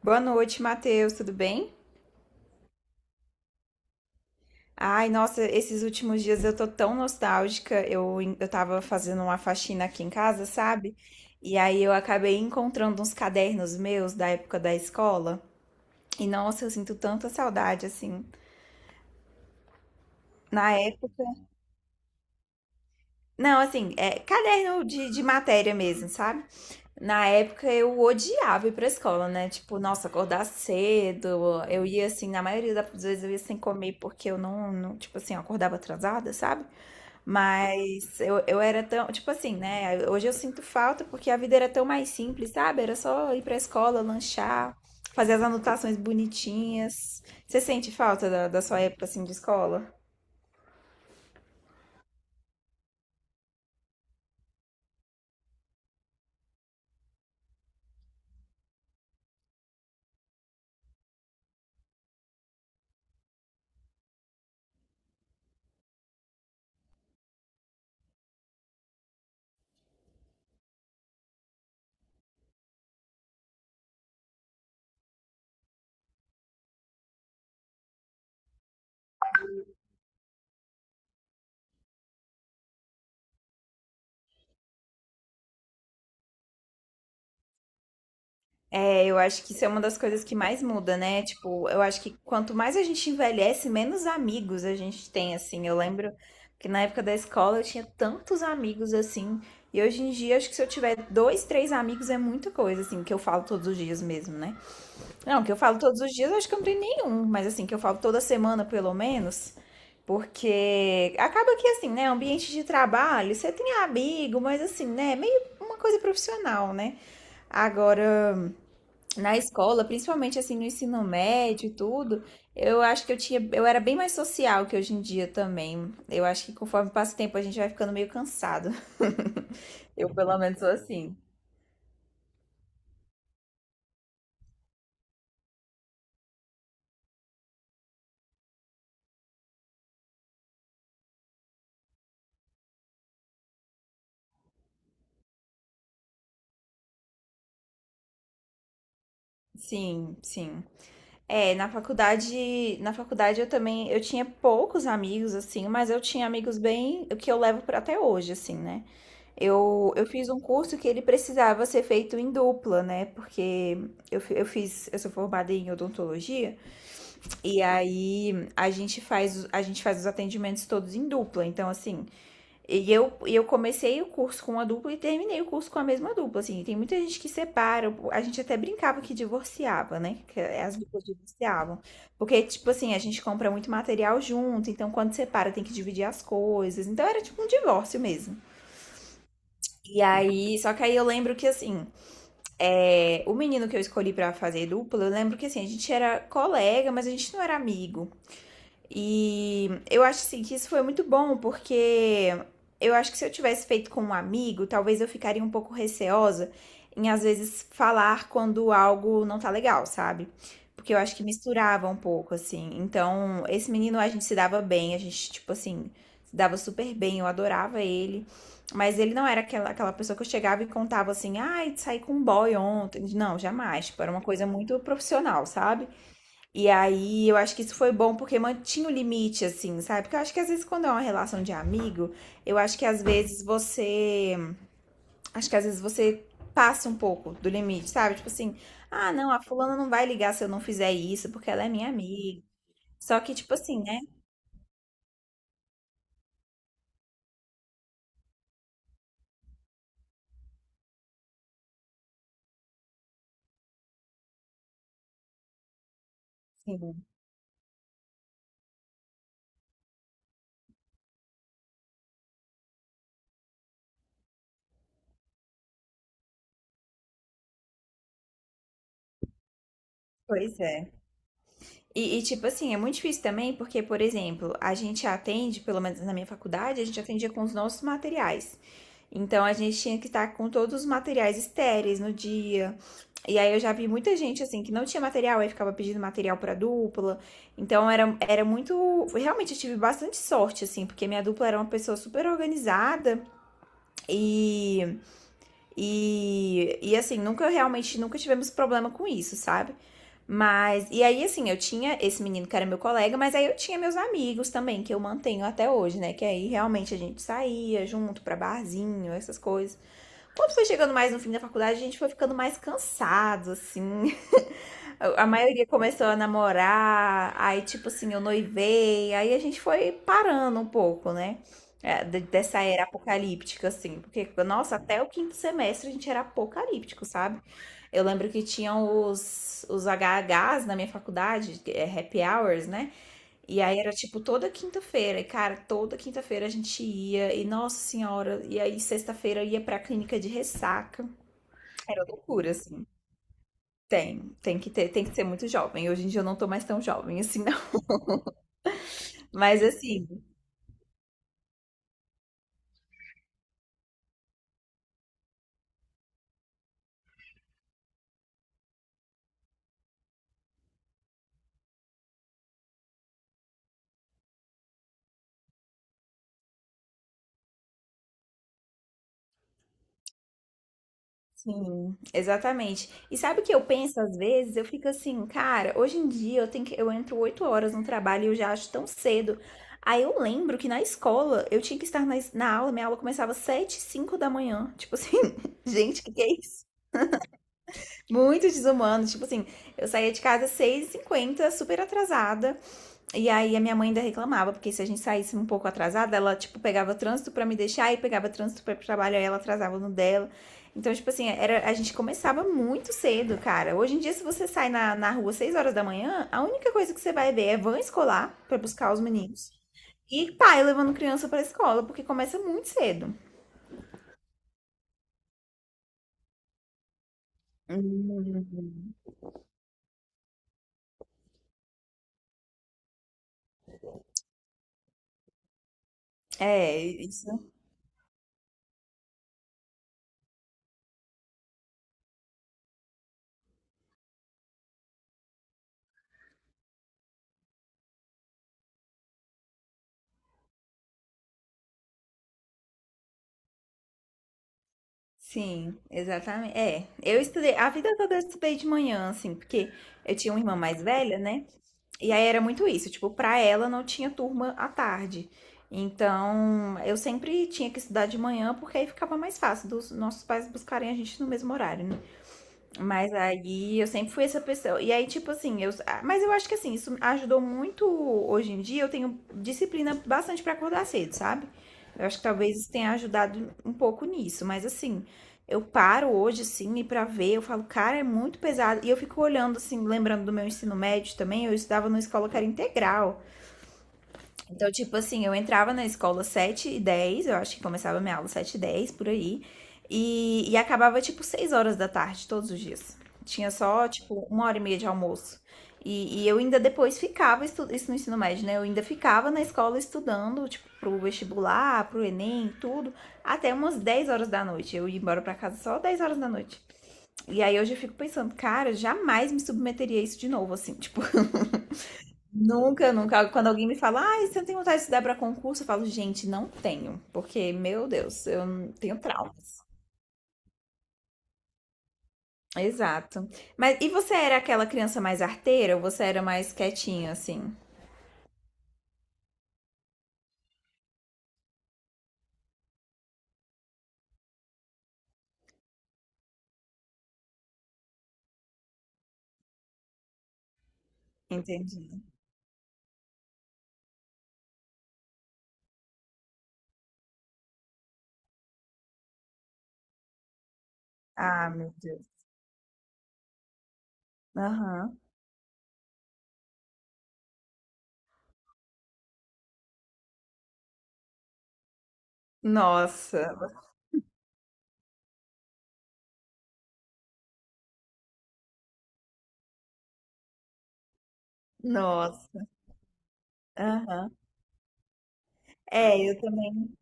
Boa noite, Matheus, tudo bem? Ai, nossa, esses últimos dias eu tô tão nostálgica. Eu tava fazendo uma faxina aqui em casa, sabe? E aí eu acabei encontrando uns cadernos meus da época da escola. E nossa, eu sinto tanta saudade, assim. Na época. Não, assim, é caderno de matéria mesmo, sabe? Na época eu odiava ir pra escola, né? Tipo, nossa, acordar cedo. Eu ia assim, na maioria das vezes eu ia sem comer porque eu não, tipo assim, eu acordava atrasada, sabe? Mas eu era tão, tipo assim, né? Hoje eu sinto falta porque a vida era tão mais simples, sabe? Era só ir pra escola, lanchar, fazer as anotações bonitinhas. Você sente falta da sua época, assim, de escola? É, eu acho que isso é uma das coisas que mais muda, né? Tipo, eu acho que quanto mais a gente envelhece, menos amigos a gente tem, assim. Eu lembro que na época da escola eu tinha tantos amigos, assim. E hoje em dia, acho que se eu tiver dois, três amigos é muita coisa, assim, que eu falo todos os dias mesmo, né? Não, que eu falo todos os dias, eu acho que eu não tenho nenhum, mas assim, que eu falo toda semana pelo menos, porque acaba que assim, né, ambiente de trabalho, você tem amigo, mas assim, né, é meio uma coisa profissional, né? Agora, na escola, principalmente assim no ensino médio e tudo, eu acho que eu tinha, eu era bem mais social que hoje em dia também. Eu acho que conforme passa o tempo a gente vai ficando meio cansado. Eu pelo menos sou assim. Sim, sim. É, na faculdade eu também, eu tinha poucos amigos assim, mas eu tinha amigos bem, o que eu levo para até hoje assim, né? Eu fiz um curso que ele precisava ser feito em dupla, né? Porque eu, fi- eu fiz, eu sou formada em odontologia, e aí a gente faz os atendimentos todos em dupla. Então, assim, e eu comecei o curso com uma dupla e terminei o curso com a mesma dupla, assim. Tem muita gente que separa, a gente até brincava que divorciava, né? Que as duplas divorciavam. Porque, tipo assim, a gente compra muito material junto, então quando separa tem que dividir as coisas. Então era tipo um divórcio mesmo. E aí, só que aí eu lembro que, assim, o menino que eu escolhi pra fazer dupla, eu lembro que, assim, a gente era colega, mas a gente não era amigo. E eu acho assim, que isso foi muito bom, porque eu acho que se eu tivesse feito com um amigo, talvez eu ficaria um pouco receosa em às vezes falar quando algo não tá legal, sabe? Porque eu acho que misturava um pouco, assim. Então, esse menino a gente se dava bem, a gente, tipo assim, se dava super bem, eu adorava ele. Mas ele não era aquela pessoa que eu chegava e contava assim, ai, saí com um boy ontem. Não, jamais. Tipo, era uma coisa muito profissional, sabe? E aí, eu acho que isso foi bom porque mantinha o limite, assim, sabe? Porque eu acho que às vezes quando é uma relação de amigo, eu acho que às vezes você. acho que às vezes você passa um pouco do limite, sabe? Tipo assim, ah, não, a fulana não vai ligar se eu não fizer isso, porque ela é minha amiga. Só que, tipo assim, né? Sim, pois é. E, tipo assim, é muito difícil também, porque, por exemplo, a gente atende, pelo menos na minha faculdade, a gente atendia com os nossos materiais. Então a gente tinha que estar com todos os materiais estéreis no dia. E aí eu já vi muita gente assim que não tinha material, aí ficava pedindo material pra dupla. Então era muito. Realmente eu tive bastante sorte, assim, porque minha dupla era uma pessoa super organizada e e assim, nunca realmente, nunca tivemos problema com isso, sabe? Mas, e aí, assim, eu tinha esse menino que era meu colega, mas aí eu tinha meus amigos também, que eu mantenho até hoje, né? Que aí realmente a gente saía junto pra barzinho, essas coisas. Quando foi chegando mais no fim da faculdade, a gente foi ficando mais cansado, assim. A maioria começou a namorar, aí tipo assim, eu noivei, aí a gente foi parando um pouco, né? É, dessa era apocalíptica, assim. Porque, nossa, até o quinto semestre a gente era apocalíptico, sabe? Eu lembro que tinham os HHs na minha faculdade, que é happy hours, né? E aí era tipo toda quinta-feira, e cara, toda quinta-feira a gente ia, e nossa senhora, e aí sexta-feira eu ia pra clínica de ressaca. Era loucura, assim. Tem que ter, tem que ser muito jovem. Hoje em dia eu não tô mais tão jovem assim, não. Mas assim, sim, exatamente. E sabe o que eu penso às vezes? Eu fico assim, cara, hoje em dia eu entro 8 horas no trabalho e eu já acho tão cedo. Aí eu lembro que na escola eu tinha que estar na aula, minha aula começava 7:05 da manhã. Tipo assim, gente, o que que é isso? Muito desumano. Tipo assim, eu saía de casa seis 6 h super atrasada. E aí a minha mãe ainda reclamava, porque se a gente saísse um pouco atrasada, ela, tipo, pegava trânsito pra me deixar e pegava trânsito pra ir pro trabalho, aí ela atrasava no dela. Então, tipo assim, era, a gente começava muito cedo, cara. Hoje em dia, se você sai na rua 6 horas da manhã, a única coisa que você vai ver é van escolar pra buscar os meninos. E pai levando criança pra escola, porque começa muito cedo. Hum. É, isso. Sim, exatamente. É, eu estudei, a vida toda eu estudei de manhã, assim, porque eu tinha uma irmã mais velha, né? E aí era muito isso, tipo, pra ela não tinha turma à tarde. Então, eu sempre tinha que estudar de manhã, porque aí ficava mais fácil dos nossos pais buscarem a gente no mesmo horário, né? Mas aí eu sempre fui essa pessoa. E aí, tipo assim, mas eu acho que assim, isso ajudou muito hoje em dia. Eu tenho disciplina bastante pra acordar cedo, sabe? Eu acho que talvez isso tenha ajudado um pouco nisso. Mas assim, eu paro hoje, assim, e pra ver, eu falo, cara, é muito pesado. E eu fico olhando, assim, lembrando do meu ensino médio também, eu estudava numa escola que era integral. Então, tipo assim, eu entrava na escola 7:10, eu acho que começava minha aula 7:10 por aí, e acabava, tipo, 6 horas da tarde, todos os dias. Tinha só, tipo, uma hora e meia de almoço. E eu ainda depois ficava, isso no ensino médio, né? Eu ainda ficava na escola estudando, tipo, pro vestibular, pro Enem, tudo, até umas 10 horas da noite. Eu ia embora pra casa só 10 horas da noite. E aí hoje eu fico pensando, cara, jamais me submeteria a isso de novo, assim, tipo, Nunca, nunca. Quando alguém me fala, ah você não tem vontade de estudar para concurso? Eu falo, gente, não tenho, porque, meu Deus, eu não- tenho traumas. Exato. Mas e você era aquela criança mais arteira ou você era mais quietinha, assim? Entendi. Ah, meu Deus. Aham. Nossa, nossa. Aham. É, eu também.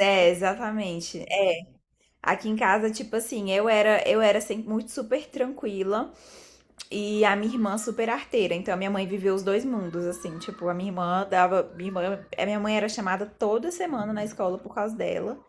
É, exatamente. É. Aqui em casa, tipo assim, eu era sempre muito super tranquila. E a minha irmã super arteira. Então a minha mãe viveu os dois mundos, assim. Tipo, a minha irmã dava. Minha irmã, a minha mãe era chamada toda semana na escola por causa dela.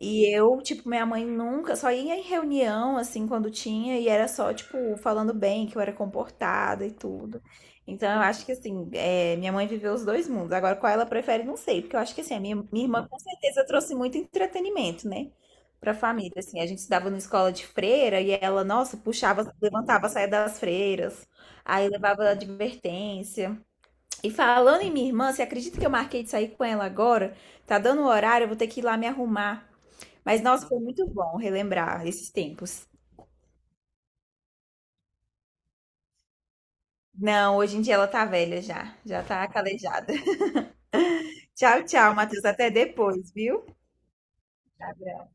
E eu, tipo, minha mãe nunca, só ia em reunião, assim, quando tinha, e era só, tipo, falando bem, que eu era comportada e tudo. Então, eu acho que, assim, minha mãe viveu os dois mundos. Agora, qual ela prefere, não sei, porque eu acho que, assim, a minha irmã com certeza trouxe muito entretenimento, né, pra família. Assim, a gente estudava na escola de freira e ela, nossa, puxava, levantava a saia das freiras, aí levava advertência. E falando em minha irmã, você acredita que eu marquei de sair com ela agora? Tá dando o horário, eu vou ter que ir lá me arrumar. Mas, nossa, foi muito bom relembrar esses tempos. Não, hoje em dia ela tá velha já. Já tá calejada. Tchau, tchau, Matheus. Até depois, viu? Abraço.